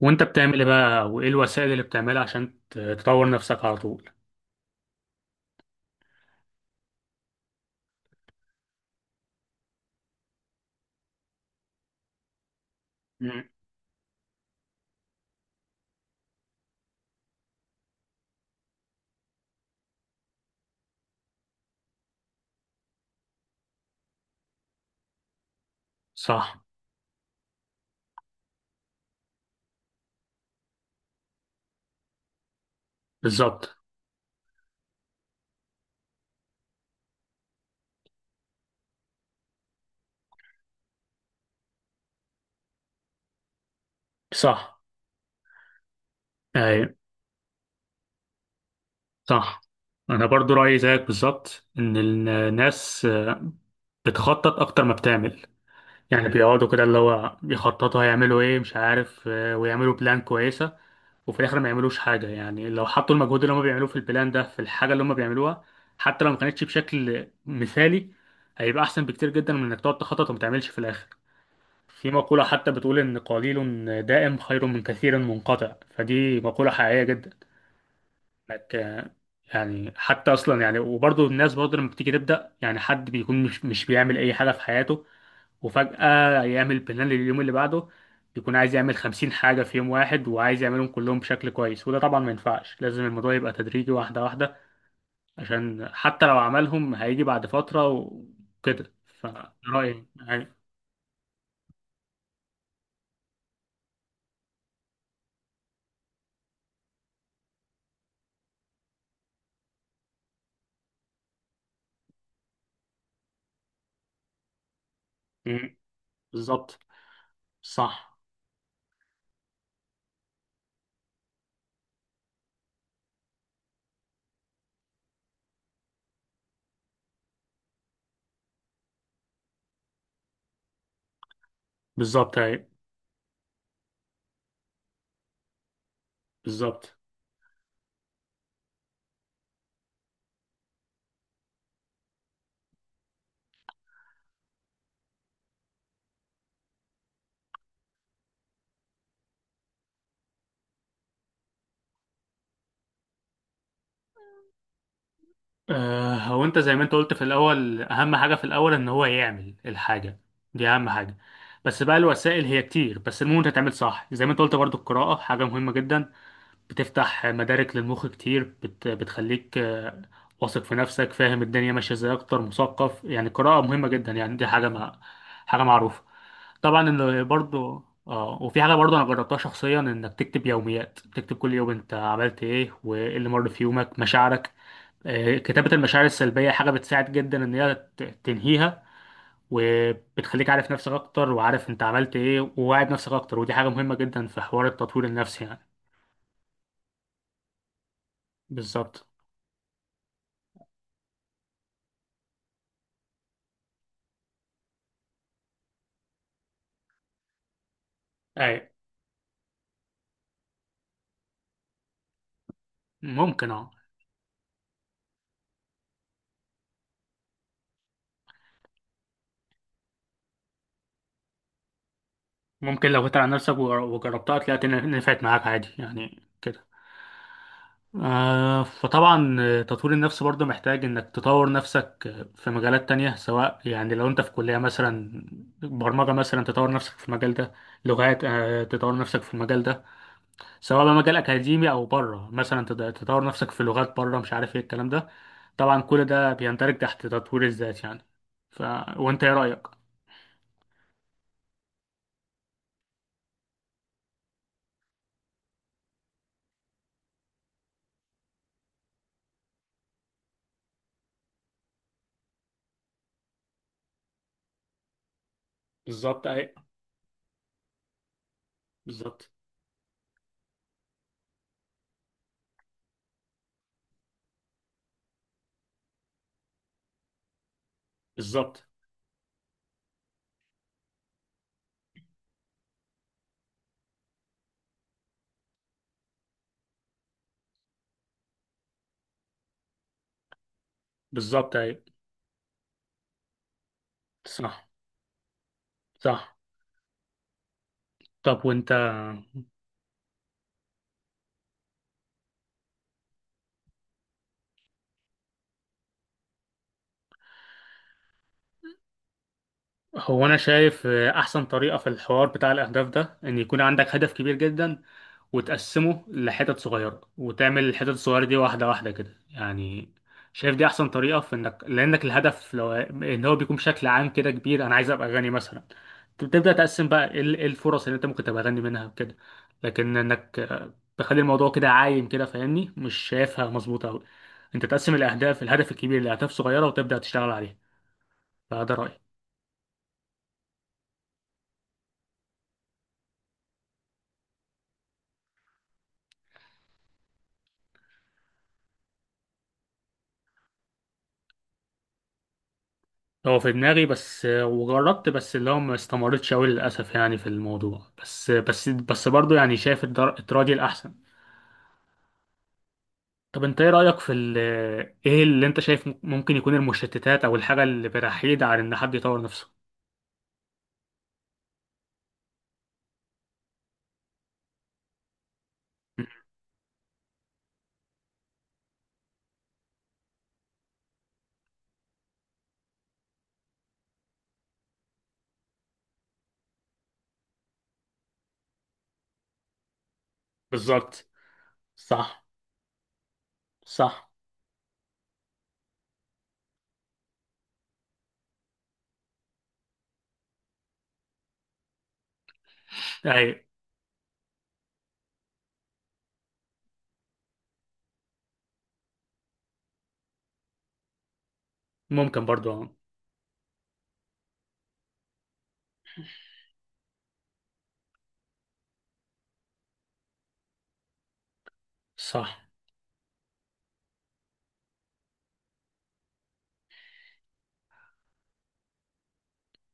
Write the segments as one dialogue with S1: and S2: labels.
S1: وانت بتعمل ايه بقى، وايه الوسائل اللي بتعملها عشان تطور نفسك على طول؟ مم. صح. بالظبط. صح. اي. صح. انا برضو رايي زيك بالظبط ان الناس بتخطط اكتر ما بتعمل. يعني بيقعدوا كده اللي هو يخططوا هيعملوا ايه، مش عارف، ويعملوا بلان كويسه، وفي الاخر ما يعملوش حاجه. يعني لو حطوا المجهود اللي هم بيعملوه في البلان ده في الحاجه اللي هم بيعملوها، حتى لو ما كانتش بشكل مثالي، هيبقى احسن بكتير جدا من انك تقعد تخطط وما تعملش في الاخر. في مقولة حتى بتقول إن قليل دائم خير من كثير منقطع، فدي مقولة حقيقية جدا. إنك، يعني حتى أصلا، يعني وبرضه الناس برضه لما بتيجي تبدأ، يعني حد بيكون مش بيعمل أي حاجة في حياته، وفجأة يعمل بلان لليوم اللي بعده، بيكون عايز يعمل 50 حاجة في يوم واحد، وعايز يعملهم كلهم بشكل كويس. وده طبعا ما ينفعش، لازم الموضوع يبقى تدريجي، واحدة واحدة، عشان حتى لو عملهم هيجي بعد فترة وكده. فرأيي يعني-. مم. بالظبط. صح. بالظبط، أيوة. بالظبط. هو انت زي ما انت قلت في الاول، اهم حاجه في الاول ان هو يعمل الحاجه دي، اهم حاجه. بس بقى، الوسائل هي كتير، بس المهم انت تعمل صح زي ما انت قلت. برضو القراءه حاجه مهمه جدا، بتفتح مدارك للمخ كتير، بتخليك واثق في نفسك، فاهم الدنيا ماشيه ازاي، اكتر مثقف. يعني القراءه مهمه جدا، يعني دي حاجه ما... حاجه معروفه. طبعا انه برضو، وفي حاجه برضو انا جربتها شخصيا، انك تكتب يوميات، تكتب كل يوم انت عملت ايه وايه اللي مر في يومك، مشاعرك. كتابة المشاعر السلبية حاجة بتساعد جدا إن هي تنهيها، وبتخليك عارف نفسك أكتر، وعارف أنت عملت إيه، وواعد نفسك أكتر، ودي حاجة مهمة جدا في حوار التطوير النفسي يعني. بالظبط. أي. ممكن أه. ممكن لو جيت على نفسك وجربتها، تلاقي نفعت معاك عادي يعني كده. فطبعا، تطوير النفس برضه محتاج إنك تطور نفسك في مجالات تانية، سواء يعني لو أنت في كلية مثلا، برمجة مثلا تطور نفسك في المجال ده، لغات، تطور نفسك في المجال ده، سواء بقى مجال اكاديمي او بره، مثلا تطور نفسك في لغات بره، مش عارف ايه الكلام ده. طبعا كل ده بيندرج تحت تطوير الذات يعني. ف وانت ايه رايك؟ بالظبط اهي. بالظبط. بالظبط. بالظبط اهي. صح. صح. طب وانت. هو أنا شايف أحسن طريقة في الحوار بتاع الأهداف ده إن يكون عندك هدف كبير جدا، وتقسمه لحتت صغيرة، وتعمل الحتت الصغيرة دي واحدة واحدة كده يعني. شايف دي أحسن طريقة في إنك، لأنك الهدف لو إن هو بيكون بشكل عام كده كبير، أنا عايز أبقى غني مثلا، تبدأ تقسم بقى، إيه إيه الفرص اللي أنت ممكن تبقى غني منها كده. لكن إنك تخلي الموضوع كده عايم كده، فاهمني، مش شايفها مظبوطة أوي. أنت تقسم الأهداف، الهدف الكبير لأهداف صغيرة، وتبدأ تشتغل عليه، فده رأيي. هو في دماغي بس وجربت، بس اللي هو ما استمرتش أوي للأسف يعني في الموضوع، بس برضه يعني شايف التراجي الأحسن. طب أنت إيه رأيك في إيه اللي أنت شايف ممكن يكون المشتتات أو الحاجة اللي بتحيد على إن حد يطور نفسه؟ بالظبط. صح. صح. أي. ممكن برضه آه. صح.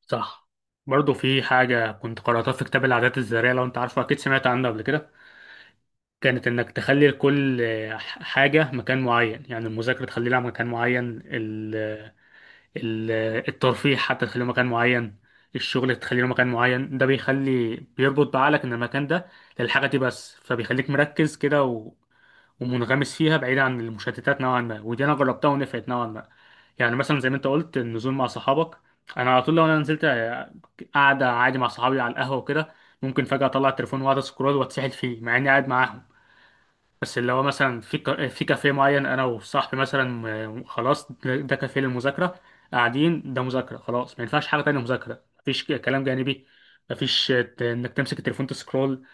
S1: صح. برضه في حاجة كنت قرأتها في كتاب العادات الذرية، لو أنت عارفه أكيد سمعت عنه قبل كده. كانت انك تخلي لكل حاجة مكان معين، يعني المذاكرة تخلي لها مكان معين، ال ال الترفيه حتى تخليه مكان معين، الشغل تخلي له مكان معين. ده بيخلي، بيربط بعقلك ان المكان ده للحاجة دي بس، فبيخليك مركز كده ومنغمس فيها بعيد عن المشتتات نوعا ما، ودي انا جربتها ونفعت نوعا ما. يعني مثلا زي ما انت قلت، النزول مع صحابك، انا على طول لو انا نزلت قاعدة عادي مع صحابي على القهوة وكده، ممكن فجأة اطلع التليفون واقعد اسكرول واتسحل فيه، مع اني قاعد معاهم. بس اللي هو مثلا في كافيه معين، انا وصاحبي مثلا، خلاص ده كافيه للمذاكره، قاعدين ده مذاكره، خلاص ما ينفعش حاجه تانية، مذاكره، مفيش كلام جانبي، مفيش انك تمسك التليفون تسكرول،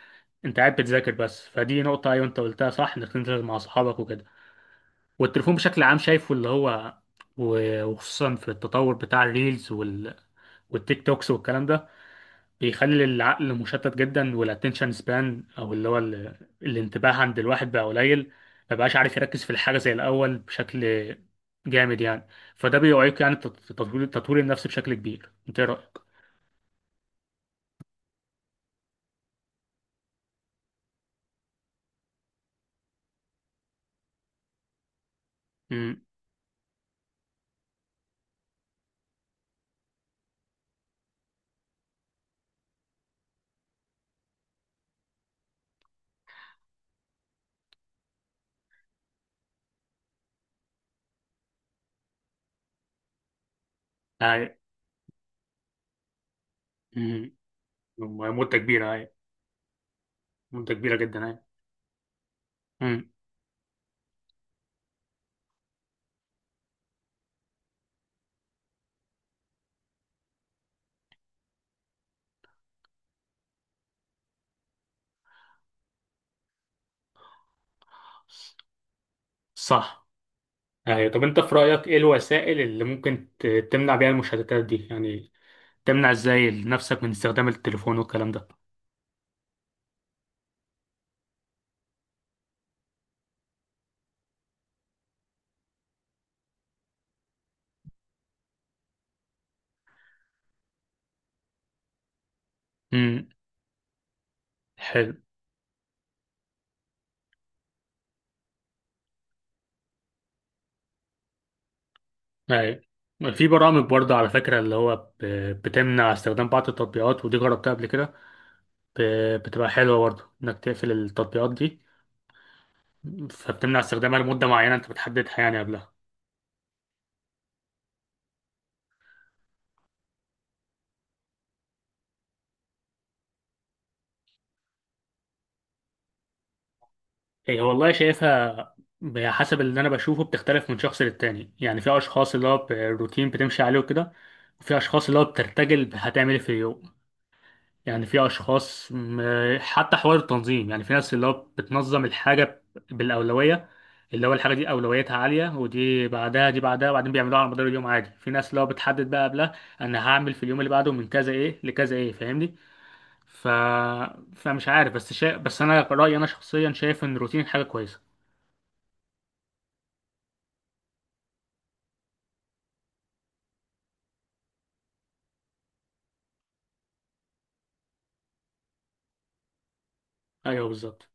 S1: انت قاعد بتذاكر بس. فدي نقطه، ايوه انت قلتها صح، انك تنزل مع اصحابك وكده. والتليفون بشكل عام شايفه، اللي هو وخصوصا في التطور بتاع الريلز والتيك توكس والكلام ده، بيخلي العقل مشتت جدا، والاتنشن سبان، او اللي هو الانتباه عند الواحد بقى قليل، ما بقاش عارف يركز في الحاجه زي الاول بشكل جامد يعني. فده بيعيق يعني تطوير النفس بشكل كبير، انت ايه رايك؟ امم. اي. امم. مده كبيره، اي. مده كبيره جدا، اي. امم. صح. اي. طب انت في رايك، ايه الوسائل اللي ممكن تمنع بيها المشتتات دي يعني؟ تمنع ازاي نفسك من استخدام التليفون والكلام ده؟ امم. أيوة. في برامج برضه، على فكرة، اللي هو بتمنع استخدام بعض التطبيقات، ودي جربتها قبل كده، بتبقى حلوة برضه إنك تقفل التطبيقات دي، فبتمنع استخدامها لمدة معينة أنت بتحددها يعني قبلها. هي والله شايفها، حسب اللي أنا بشوفه، بتختلف من شخص للتاني. يعني في أشخاص اللي هو الروتين بتمشي عليه وكده، وفي أشخاص اللي هو بترتجل هتعمل إيه في اليوم. يعني في اشخاص حتى حوار التنظيم، يعني في ناس اللي هو بتنظم الحاجه بالاولويه، اللي هو الحاجه دي اولويتها عاليه، ودي بعدها دي بعدها، وبعدين بيعملوها على مدار اليوم عادي. في ناس اللي هو بتحدد بقى قبلها، انا هعمل في اليوم اللي بعده من كذا ايه لكذا ايه، فاهمني. ف... فمش عارف، بس انا رايي، انا شخصيا شايف ان الروتين حاجه كويسه. ايوه بالظبط.